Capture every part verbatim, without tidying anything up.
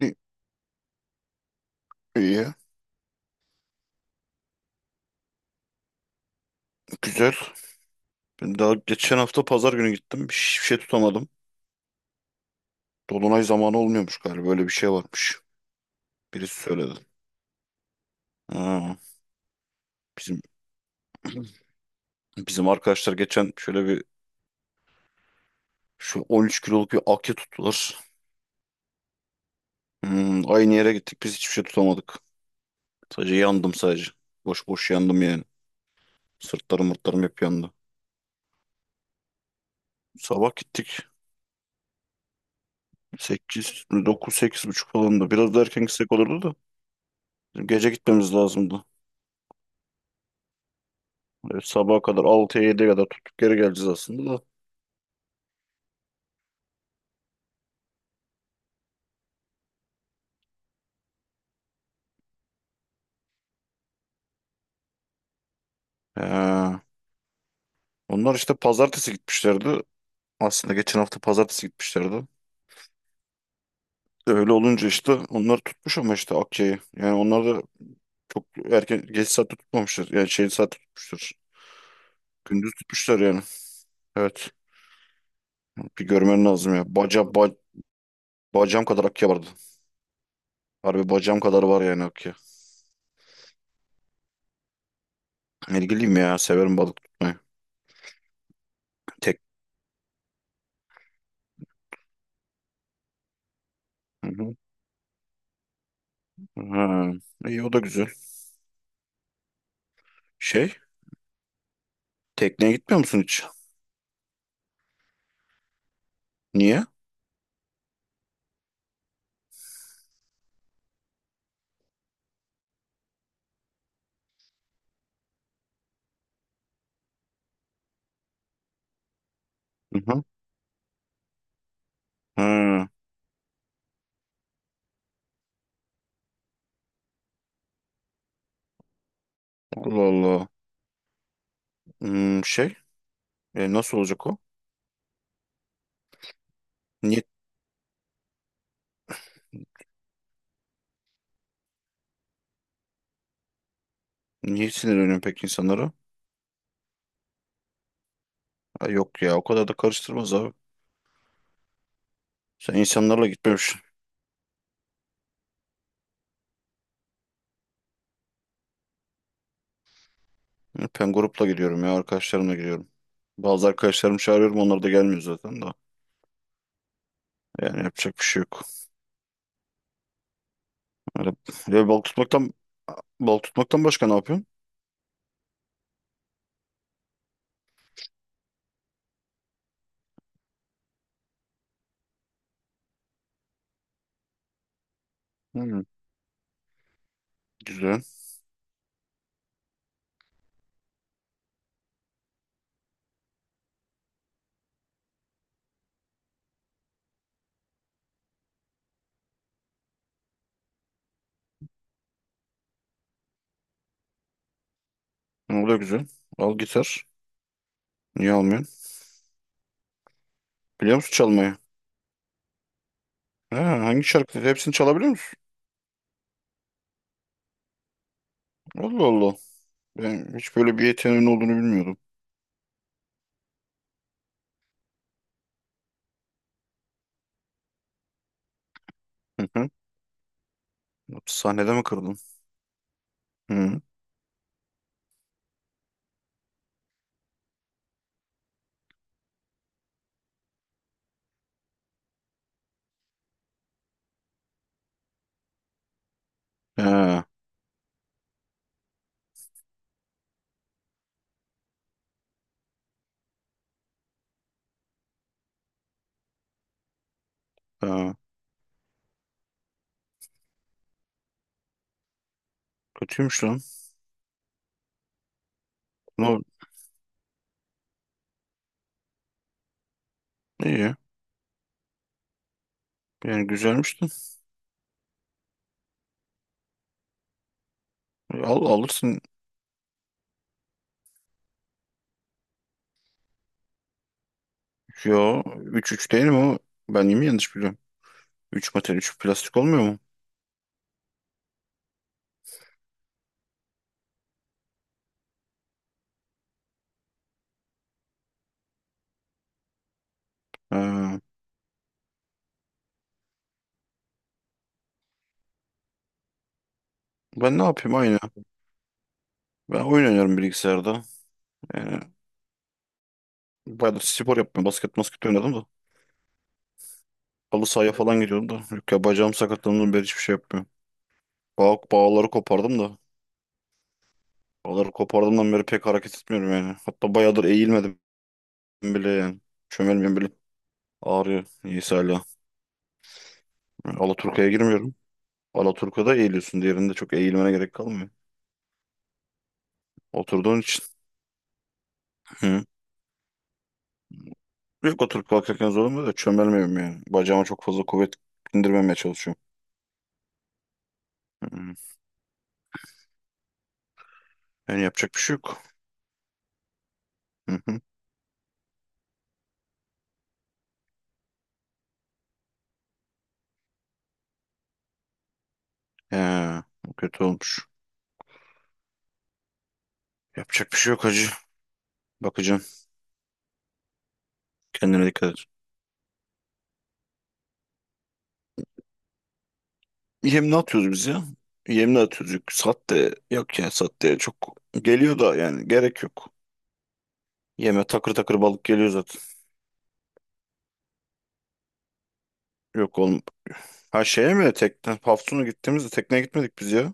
İyi, iyi, güzel. Ben daha geçen hafta pazar günü gittim. Hiçbir şey tutamadım. Dolunay zamanı olmuyormuş galiba. Böyle bir şey varmış. Birisi söyledi. Ha, bizim bizim arkadaşlar geçen şöyle bir şu on üç kiloluk bir akya tuttular. Hmm, aynı yere gittik biz hiçbir şey tutamadık. Sadece yandım sadece. Boş boş yandım yani. Sırtlarım mırtlarım hep yandı. Sabah gittik. sekiz, dokuz, sekiz buçuk falandı. Biraz da erken gitsek olurdu da. Bizim gece gitmemiz lazımdı. E, Sabaha kadar altıya yediye kadar tutup geri geleceğiz aslında da. He. Onlar işte pazartesi gitmişlerdi. Aslında geçen hafta pazartesi gitmişlerdi. Öyle olunca işte onlar tutmuş ama işte Akya'yı. Yani onlar da çok erken geç saatte tutmamışlar. Yani şey saatte tutmuşlar. Gündüz tutmuşlar yani. Evet. Bir görmen lazım ya. Baca, ba- bacağım kadar Akya vardı. Harbi bacağım kadar var yani Akya. İlgiliyim ya. Severim balık tutmayı. Tek. Hı hı. Ha. İyi, o da güzel. Şey. Tekneye gitmiyor musun hiç? Niye? Ha, Allah Allah. Hmm, şey e, nasıl olacak o? Niye, niye sinirleniyorsun peki insanlara? Ha, yok ya o kadar da karıştırmaz abi. Sen insanlarla gitmemişsin. Ben grupla gidiyorum ya, arkadaşlarımla gidiyorum. Bazı arkadaşlarımı çağırıyorum, onlar da gelmiyor zaten da. Yani yapacak bir şey yok. Öyle, öyle balık tutmaktan balık tutmaktan başka ne yapıyorsun? Hmm, güzel. O da güzel. Al gitar. Niye almıyorsun? Biliyor musun çalmayı? Ha, hangi şarkı? Hepsini çalabiliyor musun? Allah Allah. Ben hiç böyle bir yeteneğin olduğunu bilmiyordum. Sahnede mi kırdın? Hı. Ha, ha. Kötüymüş lan. Ama iyi. Yani güzelmiş. Al, alırsın. Yo, üç üç değil mi o? Ben mi yanlış biliyorum? Üç metal üç plastik olmuyor mu? Ha. Ben ne yapayım, aynı. Ben oyun oynarım bilgisayarda. Yani bayağı spor yapmıyorum. Basket basket oynadım da. Halı sahaya falan gidiyordum da. Yok ya, bacağım sakatlandığından beri hiçbir şey yapmıyorum. Bağ, bağları kopardım da. Bağları kopardığımdan beri pek hareket etmiyorum yani. Hatta bayağıdır eğilmedim bile yani. Çömelmiyorum bile. Ağrıyor. Neyse hala. Alaturka'ya girmiyorum. Alaturka'da eğiliyorsun. Diğerinde çok eğilmene gerek kalmıyor. Oturduğun için. Hı. Yok, oturup kalkarken zorlanmıyor da çömelmiyorum yani. Bacağıma çok fazla kuvvet indirmemeye çalışıyorum. Hı hı. Yani yapacak bir şey yok. Hı hı. He, o kötü olmuş. Yapacak bir şey yok hacı. Bakacağım. Kendine dikkat et. Yem ne atıyoruz biz ya? Yem ne atıyoruz? Yok, Sat de yok ya, sat de çok geliyor da, yani gerek yok. Yeme takır takır balık geliyor zaten. Yok, olmaz. Ha, şeye mi? Tekne, Hafsun'a gittiğimizde tekneye gitmedik biz ya.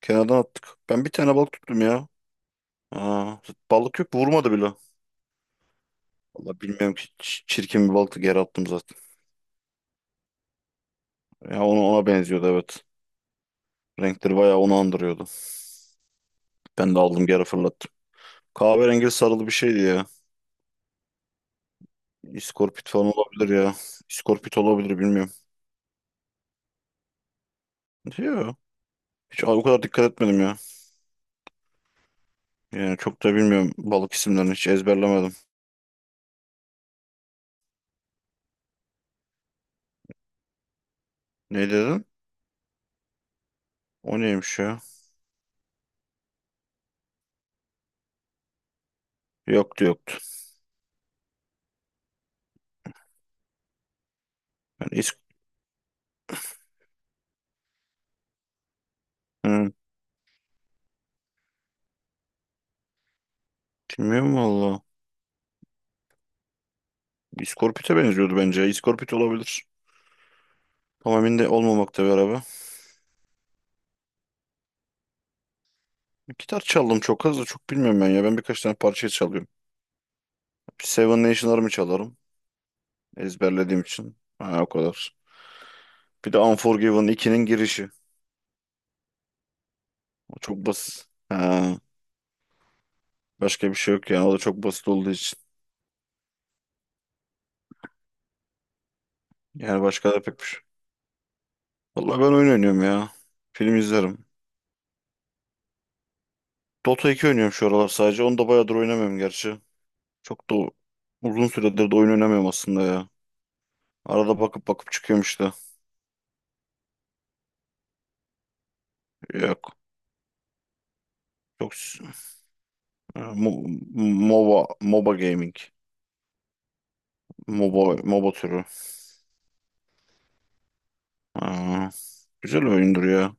Kenardan attık. Ben bir tane balık tuttum ya. Aa, balık yok, vurmadı bile. Vallahi bilmiyorum ki, ç- çirkin bir balıktı, geri attım zaten. Ya ona, ona benziyordu, evet. Renkleri bayağı onu andırıyordu. Ben de aldım, geri fırlattım. Kahverengi sarılı bir şeydi ya. İskorpit falan olabilir ya. İskorpit olabilir, bilmiyorum. Yok. Hiç o kadar dikkat etmedim ya. Yani çok da bilmiyorum, balık isimlerini hiç ezberlemedim. Ne dedin? O neymiş ya? Yoktu, yoktu. Yani is- Hı. Bilmiyorum valla. İskorpit'e benziyordu bence. İskorpit olabilir. Ama emin de olmamakta bir araba. Gitar çaldım çok az, da çok bilmiyorum ben ya. Ben birkaç tane parça çalıyorum. Seven Nation Army çalarım. Ezberlediğim için. Ha, o kadar. Bir de Unforgiven ikinin girişi. O çok basit. Ha, başka bir şey yok yani. O da çok basit olduğu için. Yani başka da pek bir şey. Valla ben oyun oynuyorum ya. Film izlerim. Dota iki oynuyorum şu aralar sadece. Onu da bayağıdır oynamıyorum gerçi. Çok da uzun süredir de oyun oynamıyorum aslında ya. Arada bakıp bakıp çıkıyormuş da. Yok. Çok s- e, Mo- MOBA, MOBA Gaming. MOBA, MOBA türü. Ha, güzel oyundur ya.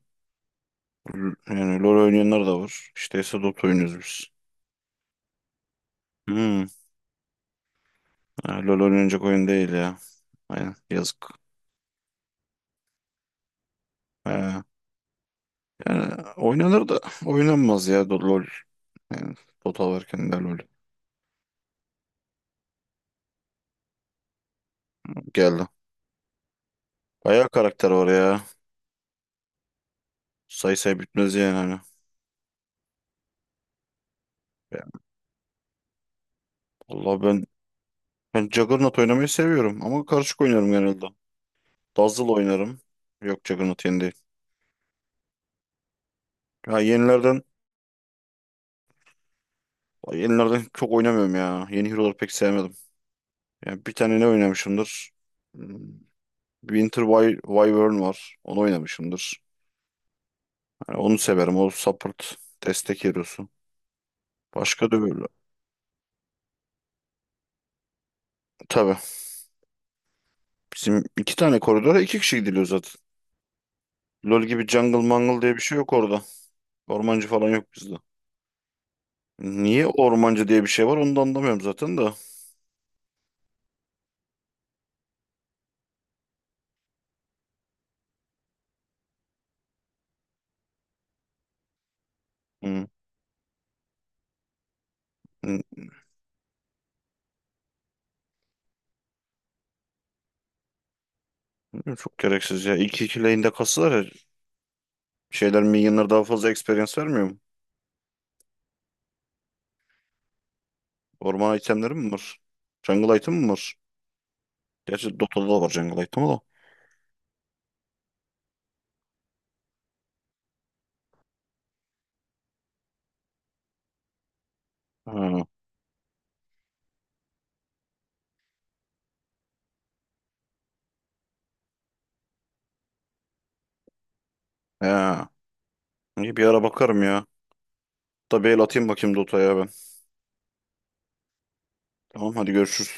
L- Yani LoL oynayanlar da var. İşte ise Dota oynuyoruz biz. Hmm. Ha, LoL oynayacak oyun değil ya. Aynen. Yazık. Ha, yani oynanır da oynanmaz ya Do- LoL. Yani Dota varken de LoL. Geldi. Bayağı karakter var ya. Say say bitmez yani hani. Ya, vallahi ben ben Juggernaut oynamayı seviyorum ama karışık oynarım genelde. Dazzle oynarım. Yok, Juggernaut yeni değil. Ya yenilerden yenilerden çok oynamıyorum ya. Yeni hero'ları pek sevmedim. Yani bir tane ne oynamışımdır? Hmm, Winter Wy- Wyvern var. Onu oynamışımdır. Yani onu severim. O support, destek hero'su. Başka da böyle. Tabii. Bizim iki tane koridora iki kişi gidiliyor zaten. LoL gibi jungle mangle diye bir şey yok orada. Ormancı falan yok bizde. Niye ormancı diye bir şey var, onu da anlamıyorum zaten de. Hmm. Bilmiyorum. Çok gereksiz ya. İlk iki lane'de kasılar ya. Şeyler minyonlar daha fazla experience vermiyor mu? Orman itemleri mi var? Jungle item mi var? Gerçi Dota'da da var jungle item, o da. Ha. He. İyi, bir ara bakarım ya. Da bir el atayım, bakayım Dota'ya ben. Tamam, hadi görüşürüz.